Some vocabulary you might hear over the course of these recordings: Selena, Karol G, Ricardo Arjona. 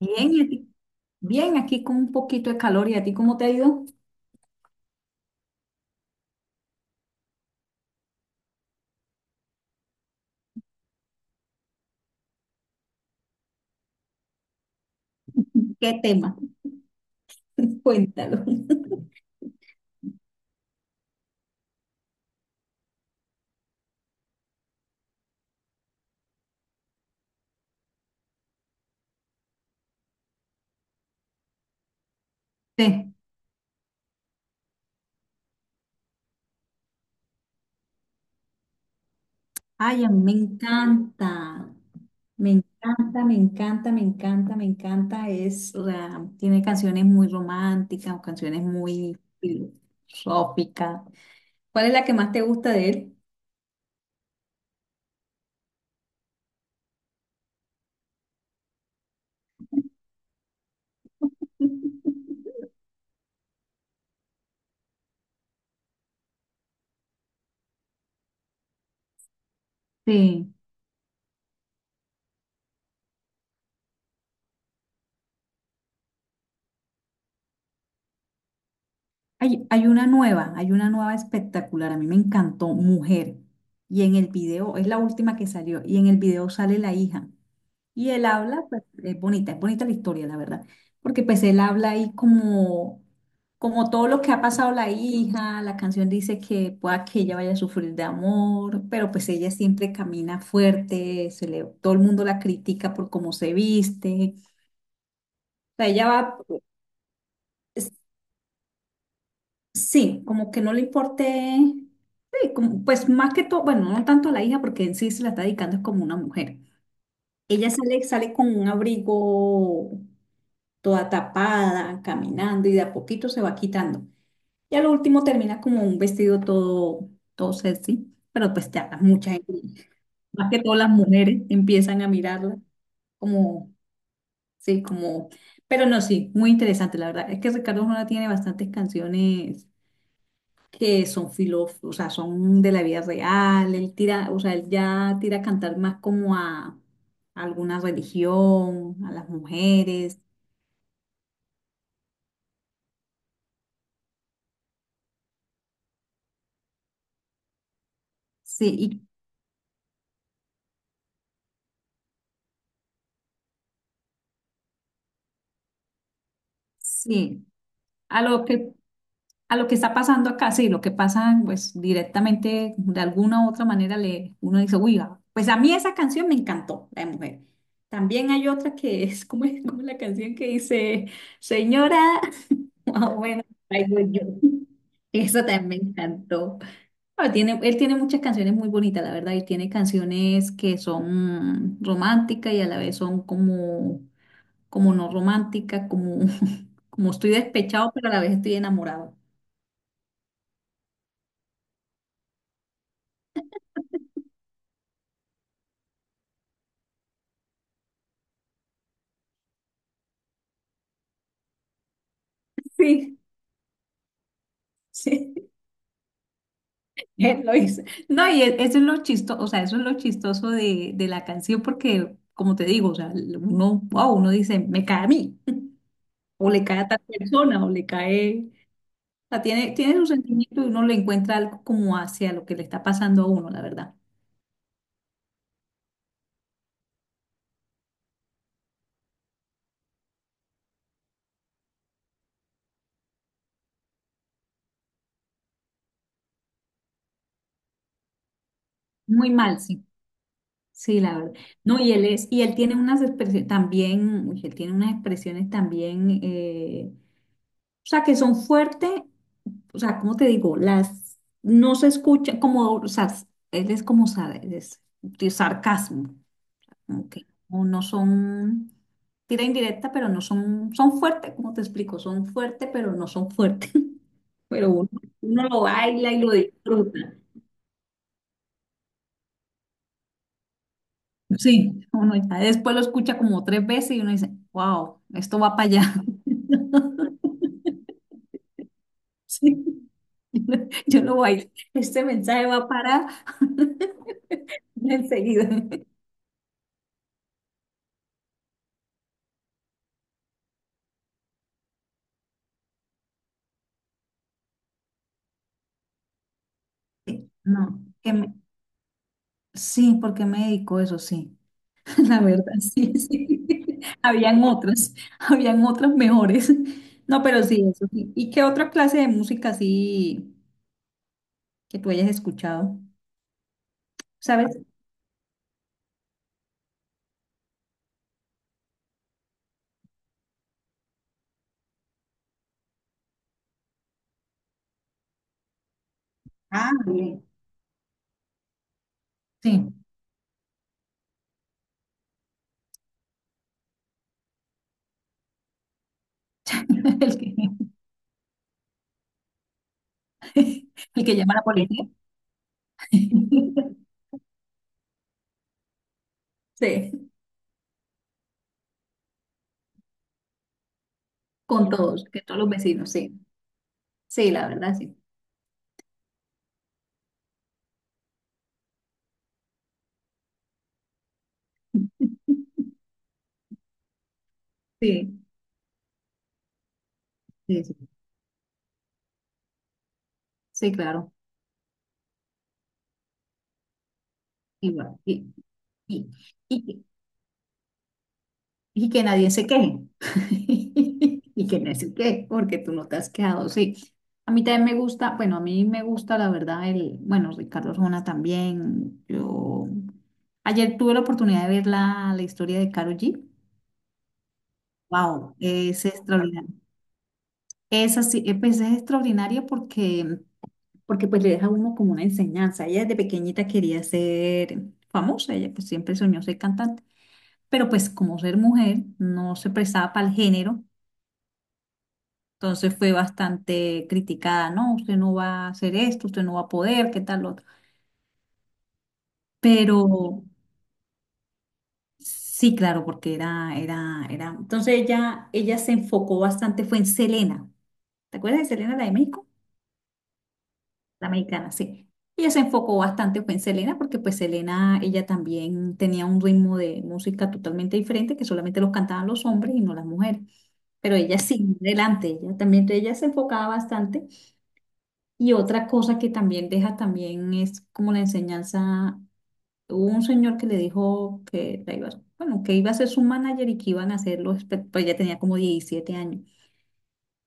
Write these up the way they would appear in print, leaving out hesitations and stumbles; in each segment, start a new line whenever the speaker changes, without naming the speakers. Bien, ¿y a ti? Bien, aquí con un poquito de calor. ¿Y a ti cómo te ha ido? ¿Qué tema? Cuéntalo. Sí. Ay, a mí me encanta. Me encanta, me encanta, me encanta, me encanta. Es, o sea, tiene canciones muy románticas o canciones muy filosóficas. ¿Cuál es la que más te gusta de él? Sí. Hay una nueva, hay una nueva espectacular. A mí me encantó, Mujer. Y en el video, es la última que salió, y en el video sale la hija. Y él habla, pues es bonita la historia, la verdad, porque pues él habla ahí como, como todo lo que ha pasado la hija, la canción dice que pueda que ella vaya a sufrir de amor, pero pues ella siempre camina fuerte, se le, todo el mundo la critica por cómo se viste, o sea, ella va, es- sí, como que no le importe, sí, como, pues más que todo, bueno, no tanto a la hija porque en sí se la está dedicando es como una mujer. Ella sale, sale con un abrigo toda tapada, caminando y de a poquito se va quitando. Y al último termina como un vestido todo, todo sexy, pero pues ya mucha gente, más que todas las mujeres empiezan a mirarla como, sí, como, pero no, sí, muy interesante, la verdad. Es que Ricardo Arjona tiene bastantes canciones que son filósofos, o sea, son de la vida real, él tira, o sea, él ya tira a cantar más como a alguna religión, a las mujeres, sí, y sí, a lo que, a lo que está pasando acá, sí, lo que pasa, pues directamente, de alguna u otra manera, le, uno dice, uy, ah, pues a mí esa canción me encantó, la de mujer. También hay otra que es como la canción que dice, señora, ah, bueno, ahí voy yo. Eso también me encantó. Ah, tiene, él tiene muchas canciones muy bonitas, la verdad, y tiene canciones que son románticas y a la vez son como, como no románticas, como, como estoy despechado, pero a la vez estoy enamorado. Sí, sí, él lo hizo. No, y eso es lo chistoso, o sea, eso es lo chistoso de la canción, porque, como te digo, o sea, uno, wow, uno dice, me cae a mí, o le cae a tal persona, o le cae, o sea, tiene, tiene su sentimiento y uno le encuentra algo como hacia lo que le está pasando a uno, la verdad. Muy mal, sí. Sí, la verdad. No, y él es, y él tiene unas expresiones también, uy, él tiene unas expresiones también, o sea, que son fuertes, o sea, ¿cómo te digo? Las no se escucha como, o sea, él es como es de sarcasmo, como que no, no son tira indirecta, pero no son, son fuertes, como te explico, son fuertes, pero no son fuertes. Pero uno, uno lo baila y lo disfruta. Sí, uno ya después lo escucha como tres veces y uno dice, wow, esto va para allá. Sí, yo lo bailo. Este mensaje va para enseguida. Sí, No, sí, porque me dedicó eso, sí. La verdad, sí, sí. Habían otras, habían otras mejores. No, pero sí, eso sí. ¿Y qué otra clase de música así que tú hayas escuchado? ¿Sabes? Ah, bien. Sí. El que- El que llama a la policía. Sí, con todos, que todos los vecinos, sí. Sí, la verdad, sí. Sí, sí, sí, sí, claro. Igual. Y, y, y que nadie se queje. Y que nadie se queje, porque tú no te has quejado, sí. A mí también me gusta, bueno, a mí me gusta, la verdad, el, bueno, Ricardo Arjona también. Yo, ayer tuve la oportunidad de ver la, la historia de Karol G. Wow, es extraordinario. Es así, pues es extraordinario porque porque pues le deja a uno como una enseñanza. Ella desde pequeñita quería ser famosa, ella pues siempre soñó ser cantante, pero pues como ser mujer no se prestaba para el género, entonces fue bastante criticada, no, usted no va a hacer esto, usted no va a poder, qué tal lo otro. Pero sí, claro, porque era, era, era. Entonces ella se enfocó bastante, fue en Selena. ¿Te acuerdas de Selena, la de México? La mexicana, sí. Ella se enfocó bastante fue en Selena, porque pues Selena, ella también tenía un ritmo de música totalmente diferente, que solamente los cantaban los hombres y no las mujeres. Pero ella sí, adelante, ella también, entonces ella se enfocaba bastante. Y otra cosa que también deja también es como la enseñanza. Hubo un señor que le dijo que la iba, bueno, que iba a ser su manager y que iban a hacerlo, pues ella tenía como 17 años,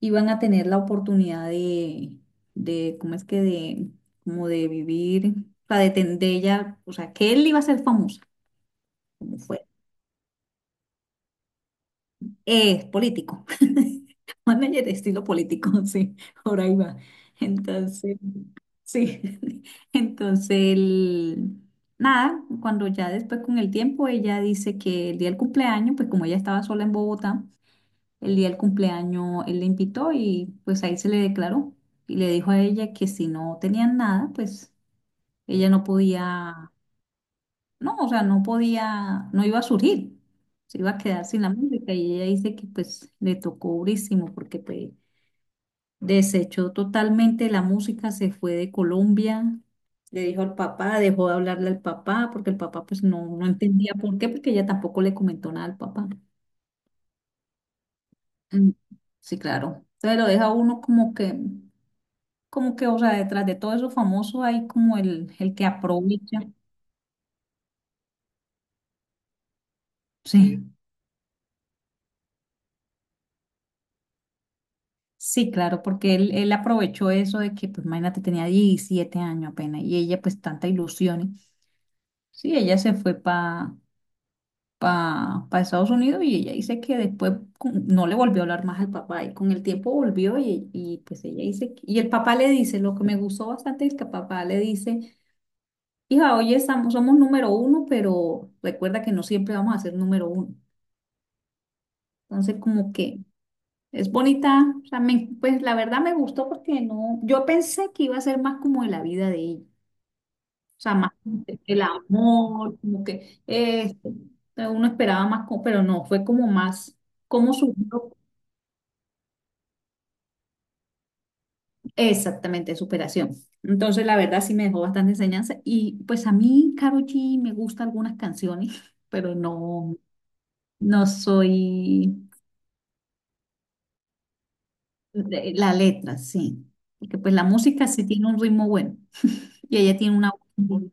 iban a tener la oportunidad de, ¿cómo es que de, como de vivir, o sea, de, de ella, o sea, que él iba a ser famoso, como fue, es político, manager de estilo político, sí, ahora iba. Entonces, sí, entonces, nada, cuando ya después con el tiempo ella dice que el día del cumpleaños, pues como ella estaba sola en Bogotá, el día del cumpleaños él le invitó y pues ahí se le declaró y le dijo a ella que si no tenían nada, pues ella no podía, no, o sea, no podía, no iba a surgir, se iba a quedar sin la música y ella dice que pues le tocó durísimo porque pues desechó totalmente la música, se fue de Colombia, le dijo al papá, dejó de hablarle al papá porque el papá pues no, no entendía por qué, porque ella tampoco le comentó nada al papá. Mm, sí, claro. Entonces lo deja uno como que, o sea, detrás de todo eso famoso hay como el que aprovecha. Sí, sí, sí, claro, porque él aprovechó eso de que, pues, imagínate, tenía 17 años apenas y ella, pues, tanta ilusión. Sí, ella se fue para pa Estados Unidos y ella dice que después no le volvió a hablar más al papá y con el tiempo volvió y pues ella dice, y el papá le dice, lo que me gustó bastante es que el papá le dice, hija, oye, estamos, somos número uno, pero recuerda que no siempre vamos a ser número uno. Entonces, como que es bonita, o sea, pues la verdad me gustó porque no, yo pensé que iba a ser más como de la vida de ella, o sea, más como que el amor, como que uno esperaba más, pero no, fue como más, como su, exactamente, de superación. Entonces, la verdad sí me dejó bastante enseñanza y pues a mí, Karol G, me gustan algunas canciones, pero no, no soy la letra, sí, porque pues la música sí tiene un ritmo bueno y ella tiene una... voz.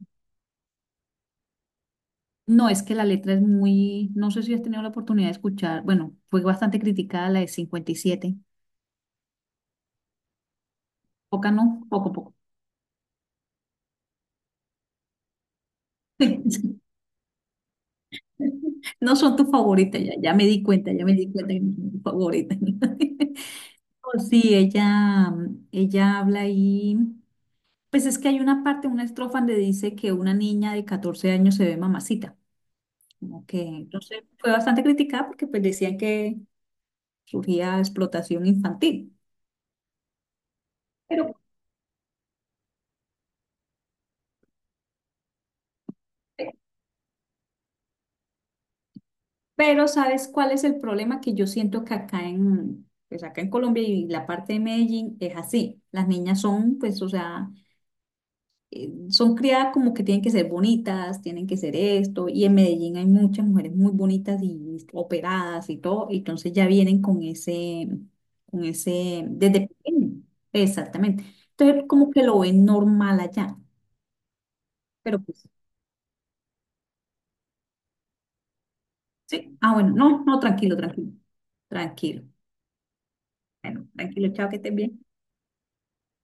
No, es que la letra es muy, no sé si has tenido la oportunidad de escuchar, bueno, fue bastante criticada la de 57. Poca no, poco poco. No son tus favoritas, ya, ya me di cuenta, ya me di cuenta que no son tus favoritas. Oh, sí, ella habla ahí, pues es que hay una parte, una estrofa donde dice que una niña de 14 años se ve mamacita, como que, entonces fue bastante criticada porque pues decían que surgía explotación infantil, pero... Pero ¿sabes cuál es el problema que yo siento que acá en, pues acá en Colombia y la parte de Medellín es así? Las niñas son, pues, o sea, son criadas como que tienen que ser bonitas, tienen que ser esto, y en Medellín hay muchas mujeres muy bonitas y operadas y todo, y entonces ya vienen con ese, desde pequeño, exactamente. Entonces como que lo ven normal allá, pero pues, sí, ah, bueno, no, no, tranquilo, tranquilo, tranquilo. Bueno, tranquilo, chao, que estés bien.